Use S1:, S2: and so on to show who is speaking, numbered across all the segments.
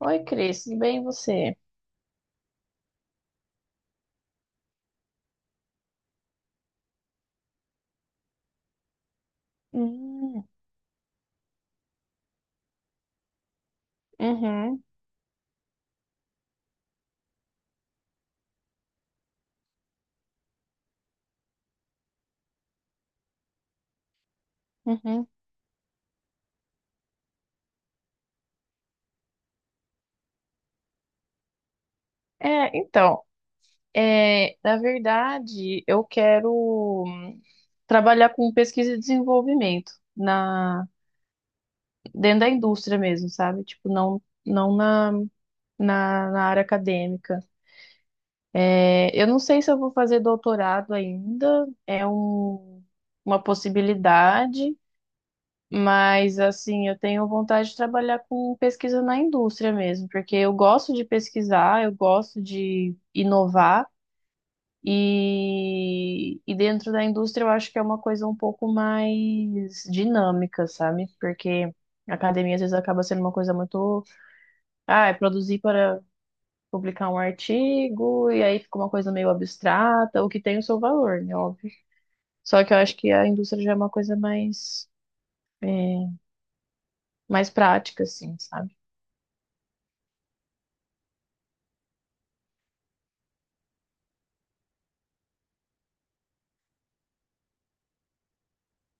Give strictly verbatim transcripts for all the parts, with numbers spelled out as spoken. S1: Oi, Cris, tudo bem e você? Hum, uhum, uhum. É, então, é, na verdade, eu quero hum, trabalhar com pesquisa e desenvolvimento na, dentro da indústria mesmo, sabe? Tipo, não, não na, na, na área acadêmica. É, eu não sei se eu vou fazer doutorado ainda, é um, uma possibilidade. Mas, assim, eu tenho vontade de trabalhar com pesquisa na indústria mesmo, porque eu gosto de pesquisar, eu gosto de inovar, e, e dentro da indústria eu acho que é uma coisa um pouco mais dinâmica, sabe? Porque a academia às vezes acaba sendo uma coisa muito. Ah, é produzir para publicar um artigo, e aí fica uma coisa meio abstrata, o que tem o seu valor, né? Óbvio. Só que eu acho que a indústria já é uma coisa mais, é, mais prática, assim, sabe?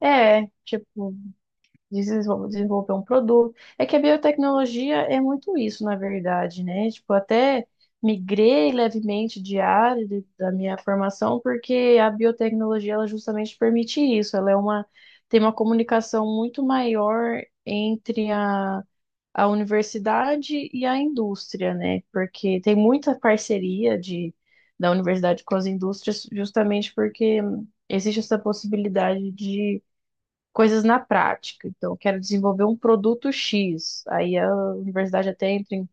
S1: É, tipo, desenvol- desenvolver um produto. É que a biotecnologia é muito isso, na verdade, né? Tipo, até migrei levemente de área de- da minha formação, porque a biotecnologia, ela justamente permite isso. Ela é uma, tem uma comunicação muito maior entre a, a universidade e a indústria, né? Porque tem muita parceria de, da universidade com as indústrias, justamente porque existe essa possibilidade de coisas na prática. Então, eu quero desenvolver um produto X. Aí a universidade até entra em,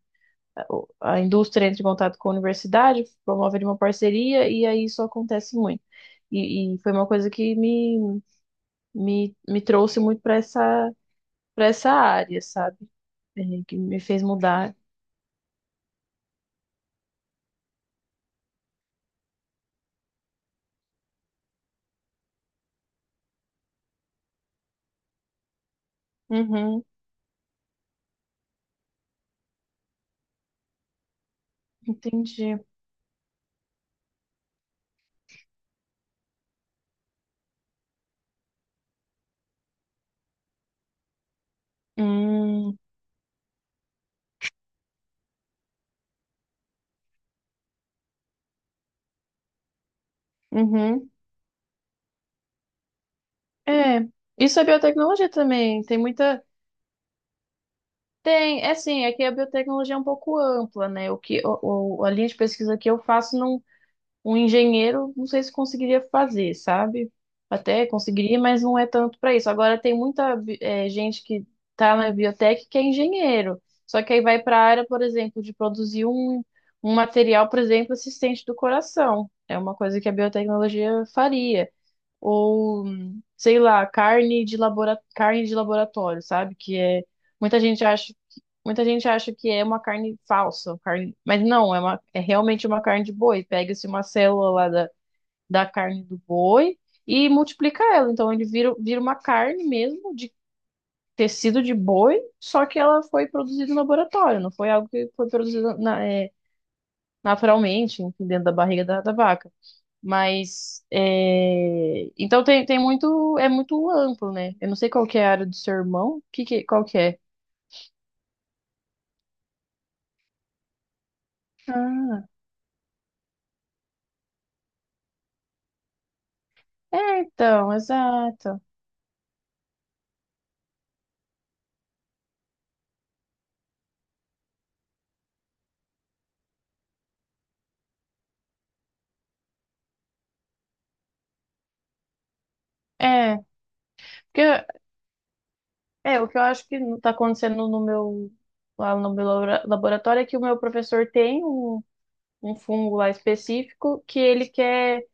S1: a indústria entra em contato com a universidade, promove ali uma parceria e aí isso acontece muito. E, e foi uma coisa que me, me, me trouxe muito para essa, para essa área, sabe? É, Que me fez mudar. Uhum, entendi. Hum, uhum. É, isso é biotecnologia também. Tem muita, Tem, é assim, é que a biotecnologia é um pouco ampla, né? O que o, o- a linha de pesquisa que eu faço, não, um engenheiro, não sei se conseguiria fazer, sabe? Até conseguiria, mas não é tanto para isso. Agora, tem muita bi- eh, gente que está na biotec que é engenheiro, só que aí vai para a área, por exemplo, de produzir um, um material, por exemplo, assistente do coração. É uma coisa que a biotecnologia faria ou sei lá, carne de labora... carne de laboratório, sabe? Que é muita gente acha muita gente acha que é uma carne falsa, carne, mas não, é uma é realmente uma carne de boi. Pega-se uma célula lá da, da carne do boi e multiplica ela, então ele vira vira uma carne mesmo de tecido de boi, só que ela foi produzida no laboratório, não foi algo que foi produzido na, é, naturalmente, enfim, dentro da barriga da, da vaca. Mas é, então tem, tem muito é muito amplo, né? Eu não sei qual que é a área do seu irmão, que, que qual que é? Ah, é, então, exato. É, porque é o que eu acho que não tá acontecendo no meu lá no meu labora- laboratório é que o meu professor tem um, um fungo lá específico que ele quer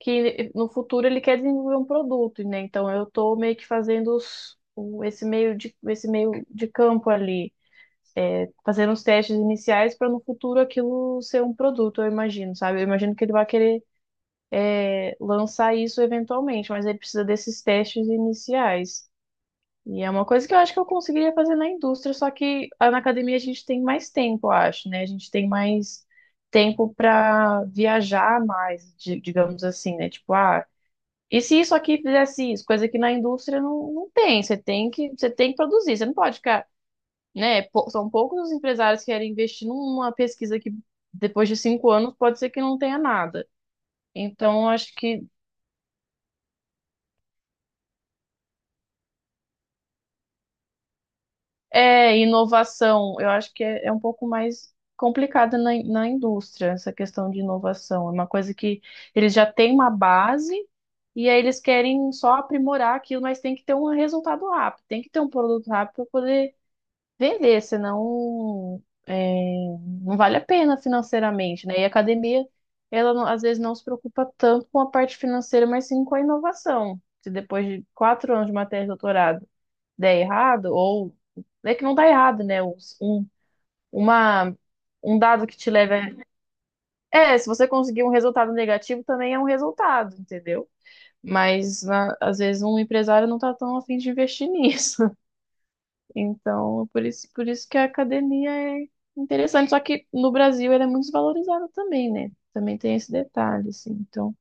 S1: que no futuro ele quer desenvolver um produto, né? Então eu tô meio que fazendo os, o- esse meio de esse meio de campo ali. Fazer uns testes iniciais para no futuro aquilo ser um produto, eu imagino, sabe? Eu imagino que ele vai querer é, lançar isso eventualmente, mas ele precisa desses testes iniciais. E é uma coisa que eu acho que eu conseguiria fazer na indústria, só que ah, na academia a gente tem mais tempo, eu acho, né? A gente tem mais tempo para viajar mais, di- digamos assim, né? Tipo, ah, e se isso aqui fizesse isso? Coisa que na indústria não, não tem. Você tem que, você tem que produzir, você não pode ficar né? pou- São poucos os empresários que querem investir numa pesquisa que depois de cinco anos pode ser que não tenha nada. Então, acho que é inovação, eu acho que é, é um pouco mais complicada na, in- na indústria, essa questão de inovação. É uma coisa que eles já têm uma base e aí eles querem só aprimorar aquilo, mas tem que ter um resultado rápido, tem que ter um produto rápido para poder vender, senão é, não vale a pena financeiramente, né? E a academia, ela não- às vezes não se preocupa tanto com a parte financeira, mas sim com a inovação. Se depois de quatro anos de matéria de doutorado der errado, ou é que não dá errado, né? Os- Um, uma, Um dado que te leva. É, se você conseguir um resultado negativo, também é um resultado, entendeu? Mas na- às vezes um empresário não tá tão afim de investir nisso. Então, por isso, por isso que a academia é interessante. Só que no Brasil ela é muito desvalorizada também, né? Também tem esse detalhe, assim. Então,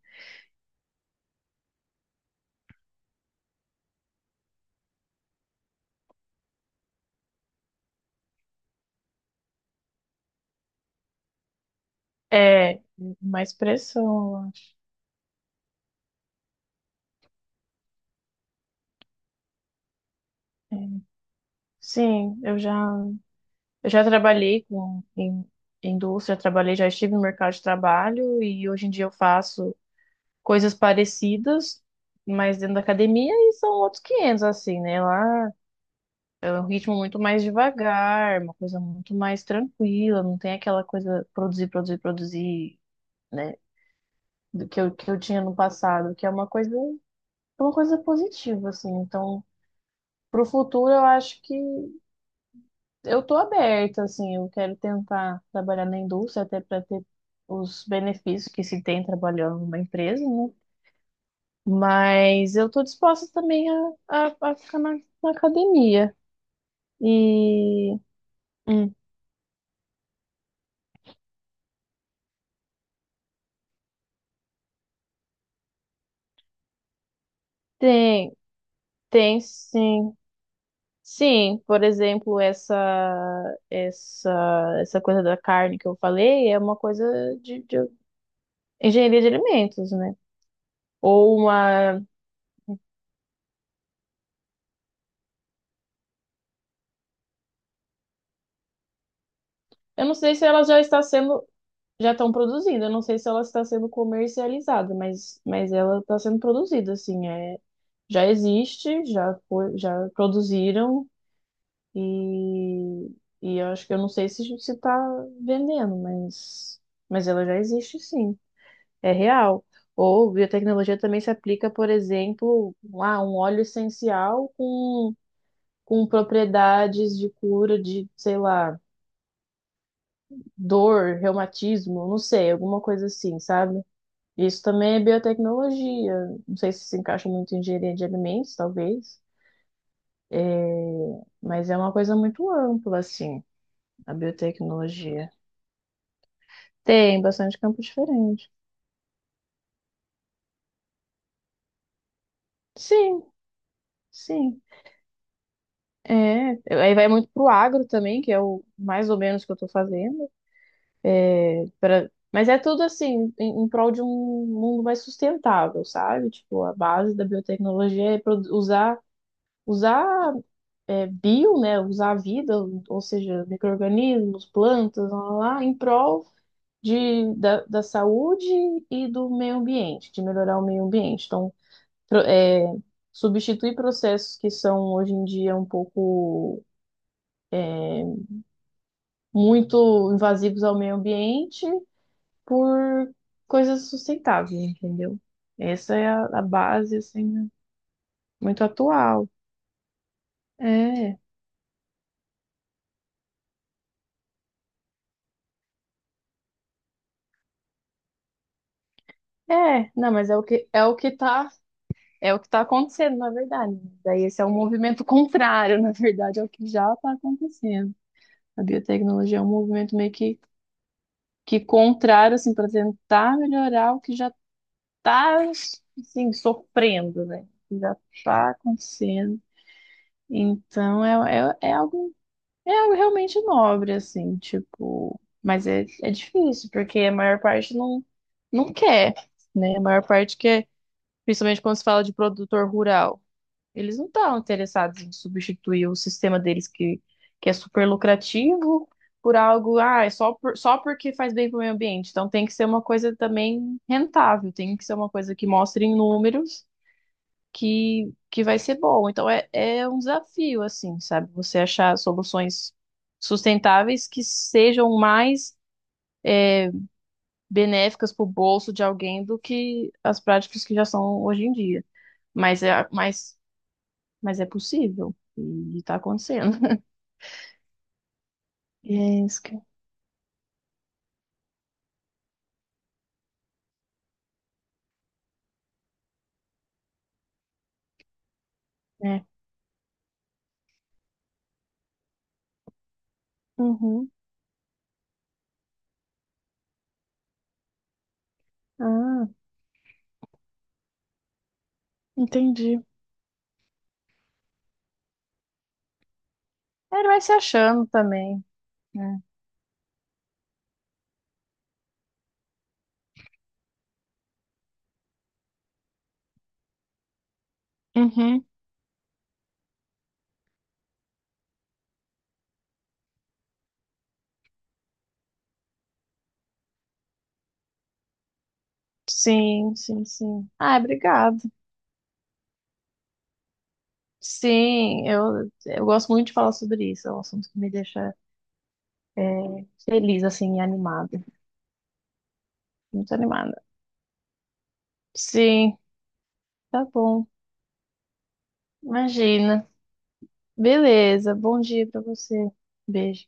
S1: é mais pressão, eu acho. Sim, eu já, eu já trabalhei com, em, em indústria, trabalhei, já estive no mercado de trabalho e hoje em dia eu faço coisas parecidas, mas dentro da academia e são outros quinhentos, assim, né? Lá é um ritmo muito mais devagar, uma coisa muito mais tranquila, não tem aquela coisa produzir, produzir, produzir, né? do Que eu, que eu tinha no passado, que é uma coisa, uma coisa positiva, assim. Então, pro futuro, eu acho que eu tô aberta, assim. Eu quero tentar trabalhar na indústria, até para ter os benefícios que se tem trabalhando numa empresa, né? Mas eu tô disposta também a, a, a ficar na, na academia. E hum, tem, tem sim. Sim, por exemplo, essa essa essa coisa da carne que eu falei é uma coisa de, de engenharia de alimentos, né? Ou uma, eu não sei se ela já está sendo, já estão produzindo, eu não sei se ela está sendo comercializada, mas mas ela está sendo produzida, assim, é, já existe, já foi, já produziram e e eu acho que eu não sei se se está vendendo, mas mas ela já existe, sim. É real. Ou biotecnologia também se aplica, por exemplo, a um óleo essencial com, com propriedades de cura de, sei lá, dor, reumatismo, não sei, alguma coisa assim, sabe? Isso também é biotecnologia. Não sei se se encaixa muito em engenharia de alimentos, talvez, É, mas é uma coisa muito ampla, assim, a biotecnologia. Tem bastante campo diferente. Sim, sim. É, aí vai muito pro agro também, que é o mais ou menos que eu tô fazendo. Pra... Mas é tudo assim, em, em prol de um mundo mais sustentável, sabe? Tipo, a base da biotecnologia é produ- usar, usar é, bio, né? Usar a vida, ou seja, micro-organismos, plantas, lá, lá, lá, em prol de, da, da saúde e do meio ambiente, de melhorar o meio ambiente. Então, pro- é, substituir processos que são hoje em dia um pouco muito invasivos ao meio ambiente por coisas sustentáveis, entendeu? Essa é a, a base, assim, né? Muito atual. É, é, não, mas é o que é o que tá, é o que tá acontecendo, na verdade, né? Daí esse é um movimento contrário, na verdade, ao que já está acontecendo. A biotecnologia é um movimento meio que, que contrário, assim, para tentar melhorar o que já está, assim, sofrendo, né? O que já está acontecendo. Então, é, é, é algo É algo realmente nobre, assim, tipo. Mas é, é difícil, porque a maior parte não, não quer, né? A maior parte quer, principalmente quando se fala de produtor rural. Eles não estão interessados em substituir o sistema deles, que, que é super lucrativo, por algo, ah, é só, por, só porque faz bem para o meio ambiente. Então tem que ser uma coisa também rentável, tem que ser uma coisa que mostre em números que, que vai ser bom. Então é, é um desafio, assim, sabe? Você achar soluções sustentáveis que sejam mais benéficas para o bolso de alguém do que as práticas que já são hoje em dia. Mas é, mas, mas é possível e está acontecendo. E é isso que é. Uhum. Ah, entendi. É, Ele vai se achando também, né? Uhum. Sim, sim, sim. Ah, obrigado. Sim, eu, eu gosto muito de falar sobre isso. É um assunto que me deixa é, feliz, assim, e animada. Muito animada. Sim, tá bom. Imagina. Beleza. Bom dia pra você. Beijo.